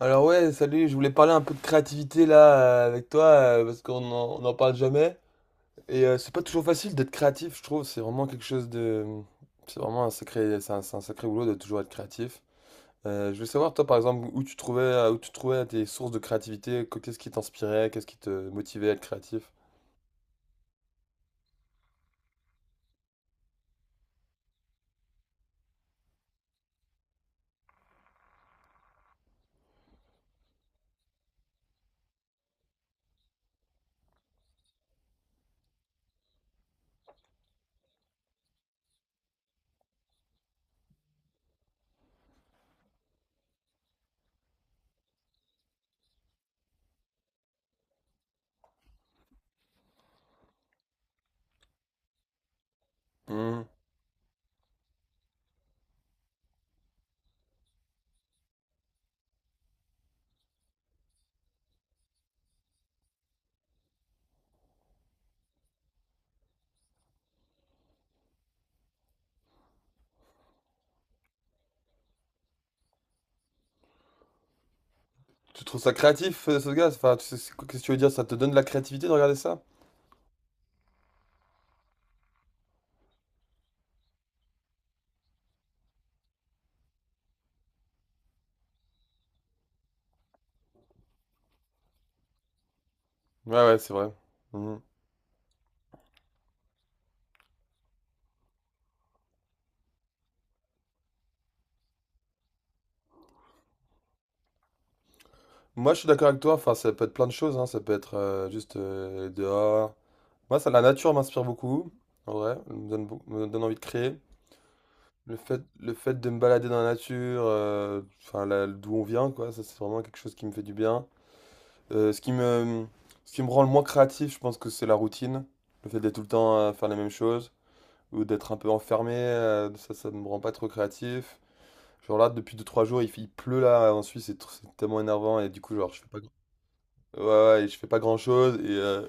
Alors ouais, salut, je voulais parler un peu de créativité là, avec toi, parce qu'on n'en parle jamais. Et c'est pas toujours facile d'être créatif, je trouve. C'est vraiment quelque chose de... C'est un sacré boulot de toujours être créatif. Je veux savoir, toi, par exemple, où tu trouvais tes sources de créativité, qu'est-ce qui t'inspirait, qu'est-ce qui te motivait à être créatif. Hmm. Tu trouves ça créatif, ce gars? Enfin, qu'est-ce que tu veux dire? Ça te donne de la créativité de regarder ça? Ouais, ouais, c'est vrai. Mhm. Moi, je suis d'accord avec toi. Enfin, ça peut être plein de choses, hein. Ça peut être juste dehors. Moi, ça, la nature m'inspire beaucoup, en vrai, elle me donne, me donne envie de créer. Le fait de me balader dans la nature, enfin, d'où on vient, quoi, ça, c'est vraiment quelque chose qui me fait du bien. Euh, ce qui me, ce qui me rend le moins créatif, je pense que c'est la routine. Le fait d'être tout le temps à faire les mêmes choses, ou d'être un peu enfermé, ça me rend pas trop créatif. Genre là, depuis deux trois jours, il pleut là, en Suisse, c'est tellement énervant, et du coup, genre, je fais pas, ouais, ouais, et je fais pas grand-chose,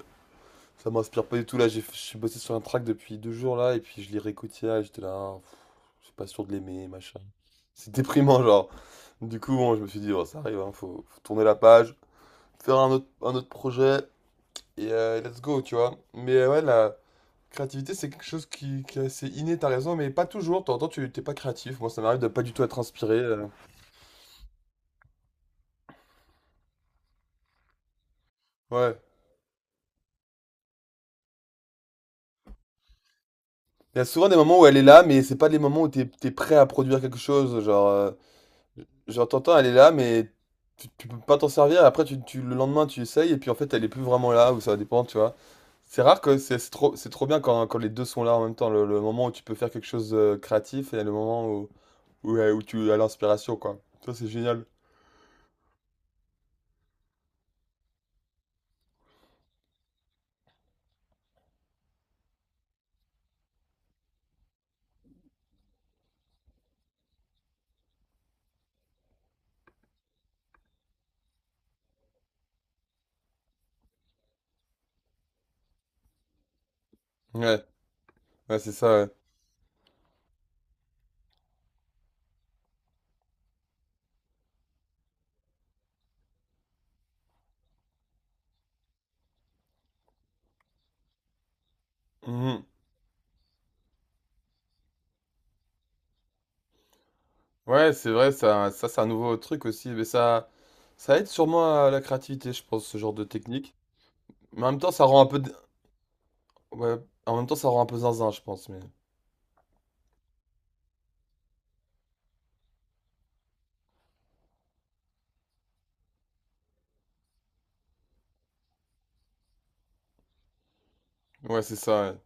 ça m'inspire pas du tout là, j'ai je suis bossé sur un track depuis 2 jours là et puis je lirai Kotia et j'étais là, ah, je suis pas sûr de l'aimer, machin. C'est déprimant, genre. Du coup bon, je me suis dit oh, ça arrive, hein, faut tourner la page, faire un autre projet et let's go, tu vois. Mais ouais, la créativité c'est quelque chose qui est assez inné, t'as raison, mais pas toujours, de temps en temps tu t'es pas créatif, moi ça m'arrive de pas du tout être inspiré. Ouais. Il y a souvent des moments où elle est là, mais c'est pas les moments où t'es prêt à produire quelque chose, genre. Genre, t'entends, elle est là, mais tu peux pas t'en servir. Après, le lendemain, tu essayes, et puis en fait, elle est plus vraiment là, ou ça dépend, tu vois. C'est rare que c'est trop bien quand les deux sont là en même temps. Le moment où tu peux faire quelque chose de créatif et le moment où tu as l'inspiration, quoi. Ça, c'est génial. Ouais, ouais, c'est ça, ouais. Mhm. Ouais, c'est vrai, ça c'est un nouveau truc aussi, mais ça aide sûrement à la créativité, je pense, ce genre de technique. Mais en même temps, ça rend un peu, ouais, en même temps, ça rend un peu zinzin, je pense, mais ouais, c'est ça, ouais.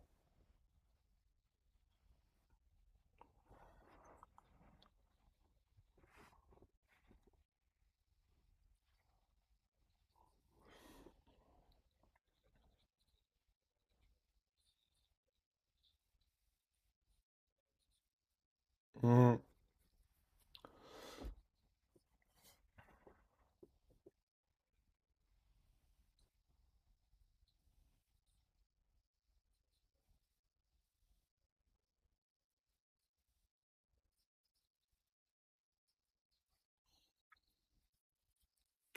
Mhm.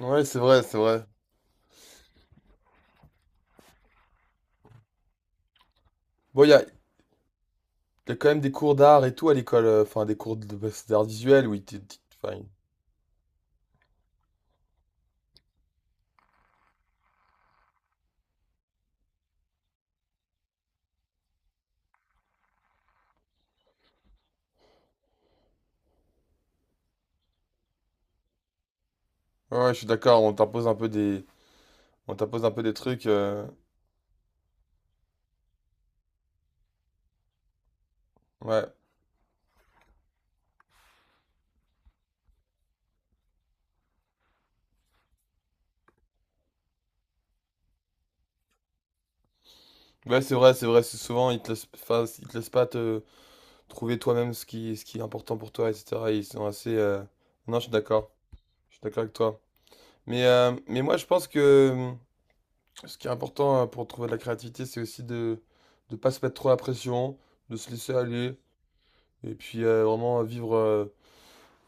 Ouais, c'est vrai, c'est vrai. Bon, il y a quand même des cours d'art et tout à l'école, enfin des bah, d'art visuel où enfin, ouais, ouais, je suis d'accord, on t'impose un peu des trucs, ouais. Ouais, c'est vrai, c'est vrai, c'est souvent enfin, ils te laissent pas te trouver toi-même ce qui est important pour toi, etc. Ils sont assez non, je suis d'accord. Je suis d'accord avec toi. Mais moi je pense que ce qui est important, pour trouver de la créativité, c'est aussi de pas se mettre trop la pression, de se laisser aller et puis vraiment vivre euh,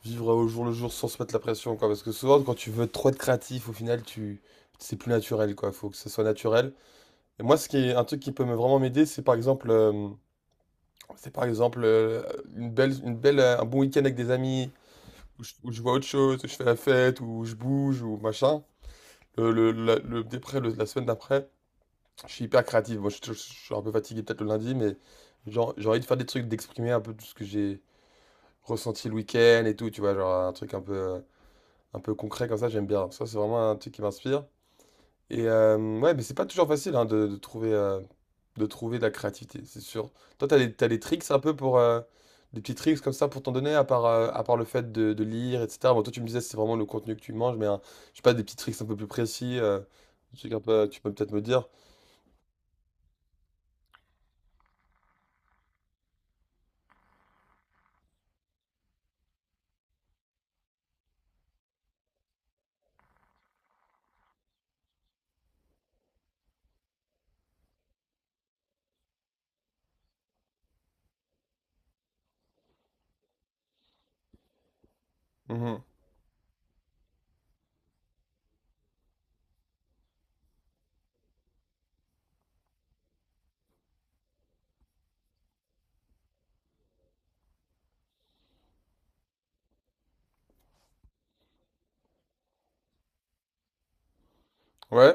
vivre au jour le jour sans se mettre la pression, quoi. Parce que souvent, quand tu veux trop être créatif, au final, tu c'est plus naturel, quoi. Faut que ce soit naturel. Et moi, ce qui est un truc qui peut me vraiment m'aider, c'est par exemple, un bon week-end avec des amis, où je vois autre chose, où je fais la fête, où je bouge, ou machin. La la semaine d'après, je suis hyper créatif. Bon, je suis un peu fatigué peut-être le lundi, mais genre, j'ai envie de faire des trucs, d'exprimer un peu tout ce que j'ai ressenti le week-end et tout, tu vois, genre un truc un peu concret comme ça, j'aime bien. Ça, c'est vraiment un truc qui m'inspire. Et ouais, mais c'est pas toujours facile, hein, de trouver de la créativité, c'est sûr. Toi, t'as des tricks un peu pour... des petits tricks comme ça pour t'en donner, à part le fait de lire, etc. Bon, toi, tu me disais, c'est vraiment le contenu que tu manges, mais hein, je sais pas, des petits tricks un peu plus précis, des trucs un peu, tu peux peut-être me dire. Mhm. Ouais,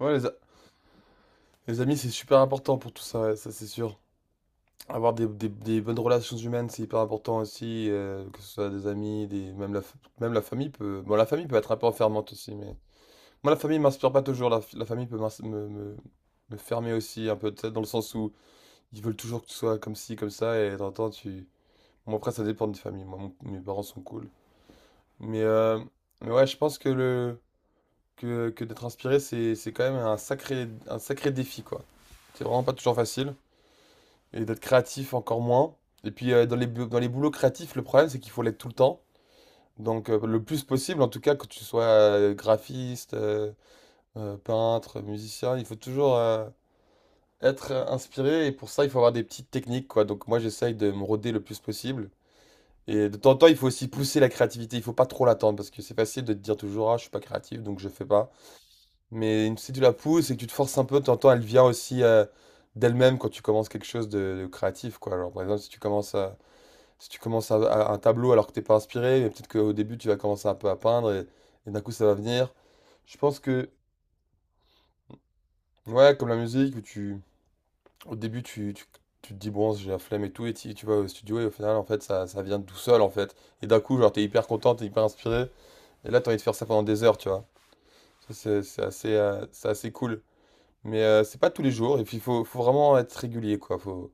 ouais, les amis, c'est super important pour tout ça, ouais, ça c'est sûr. Avoir des bonnes relations humaines, c'est hyper important aussi, que ce soit des amis, des, même la, fa- même la famille peut... Bon, la famille peut être un peu enfermante aussi, mais... Moi, la famille m'inspire pas toujours, la famille peut me fermer aussi, un peu, peut-être dans le sens où ils veulent toujours que tu sois comme ci, comme ça, et t'entends, tu... Bon, après, ça dépend des familles, moi, mes parents sont cool. Mais, euh, mais ouais, je pense que le... Que d'être inspiré, c'est quand même un sacré défi, quoi. C'est vraiment pas toujours facile. Et d'être créatif encore moins. Et puis dans les boulots créatifs, le problème c'est qu'il faut l'être tout le temps. Donc le plus possible, en tout cas, que tu sois graphiste, peintre, musicien, il faut toujours être inspiré et pour ça il faut avoir des petites techniques, quoi. Donc moi j'essaye de me roder le plus possible. Et de temps en temps, il faut aussi pousser la créativité, il faut pas trop l'attendre parce que c'est facile de te dire toujours, ah, je suis pas créatif, donc je fais pas. Mais si tu la pousses et que tu te forces un peu, de temps en temps elle vient aussi d'elle-même quand tu commences quelque chose de créatif, quoi. Alors par exemple, si tu commences un tableau alors que t'es pas inspiré, mais peut-être qu'au début tu vas commencer un peu à peindre et d'un coup ça va venir. Je pense que, ouais, comme la musique, au début tu te dis bon, j'ai la flemme et tout, et tu vas au studio et au final en fait ça vient tout seul en fait. Et d'un coup, genre t'es hyper content, t'es hyper inspiré, et là t'as envie de faire ça pendant des heures, tu vois. Ça c'est assez cool. Mais c'est pas tous les jours, et puis il faut vraiment être régulier, quoi. Faut...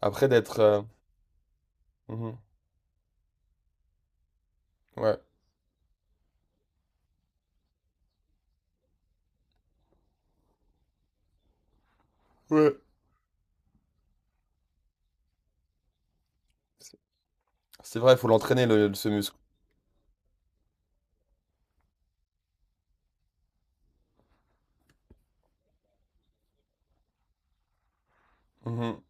Après d'être... mhm, ouais. Ouais. C'est vrai, il faut l'entraîner ce muscle. Mhm,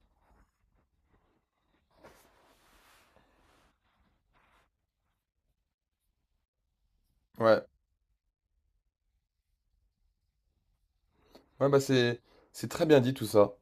ouais. Ouais, bah c'est très bien dit tout ça.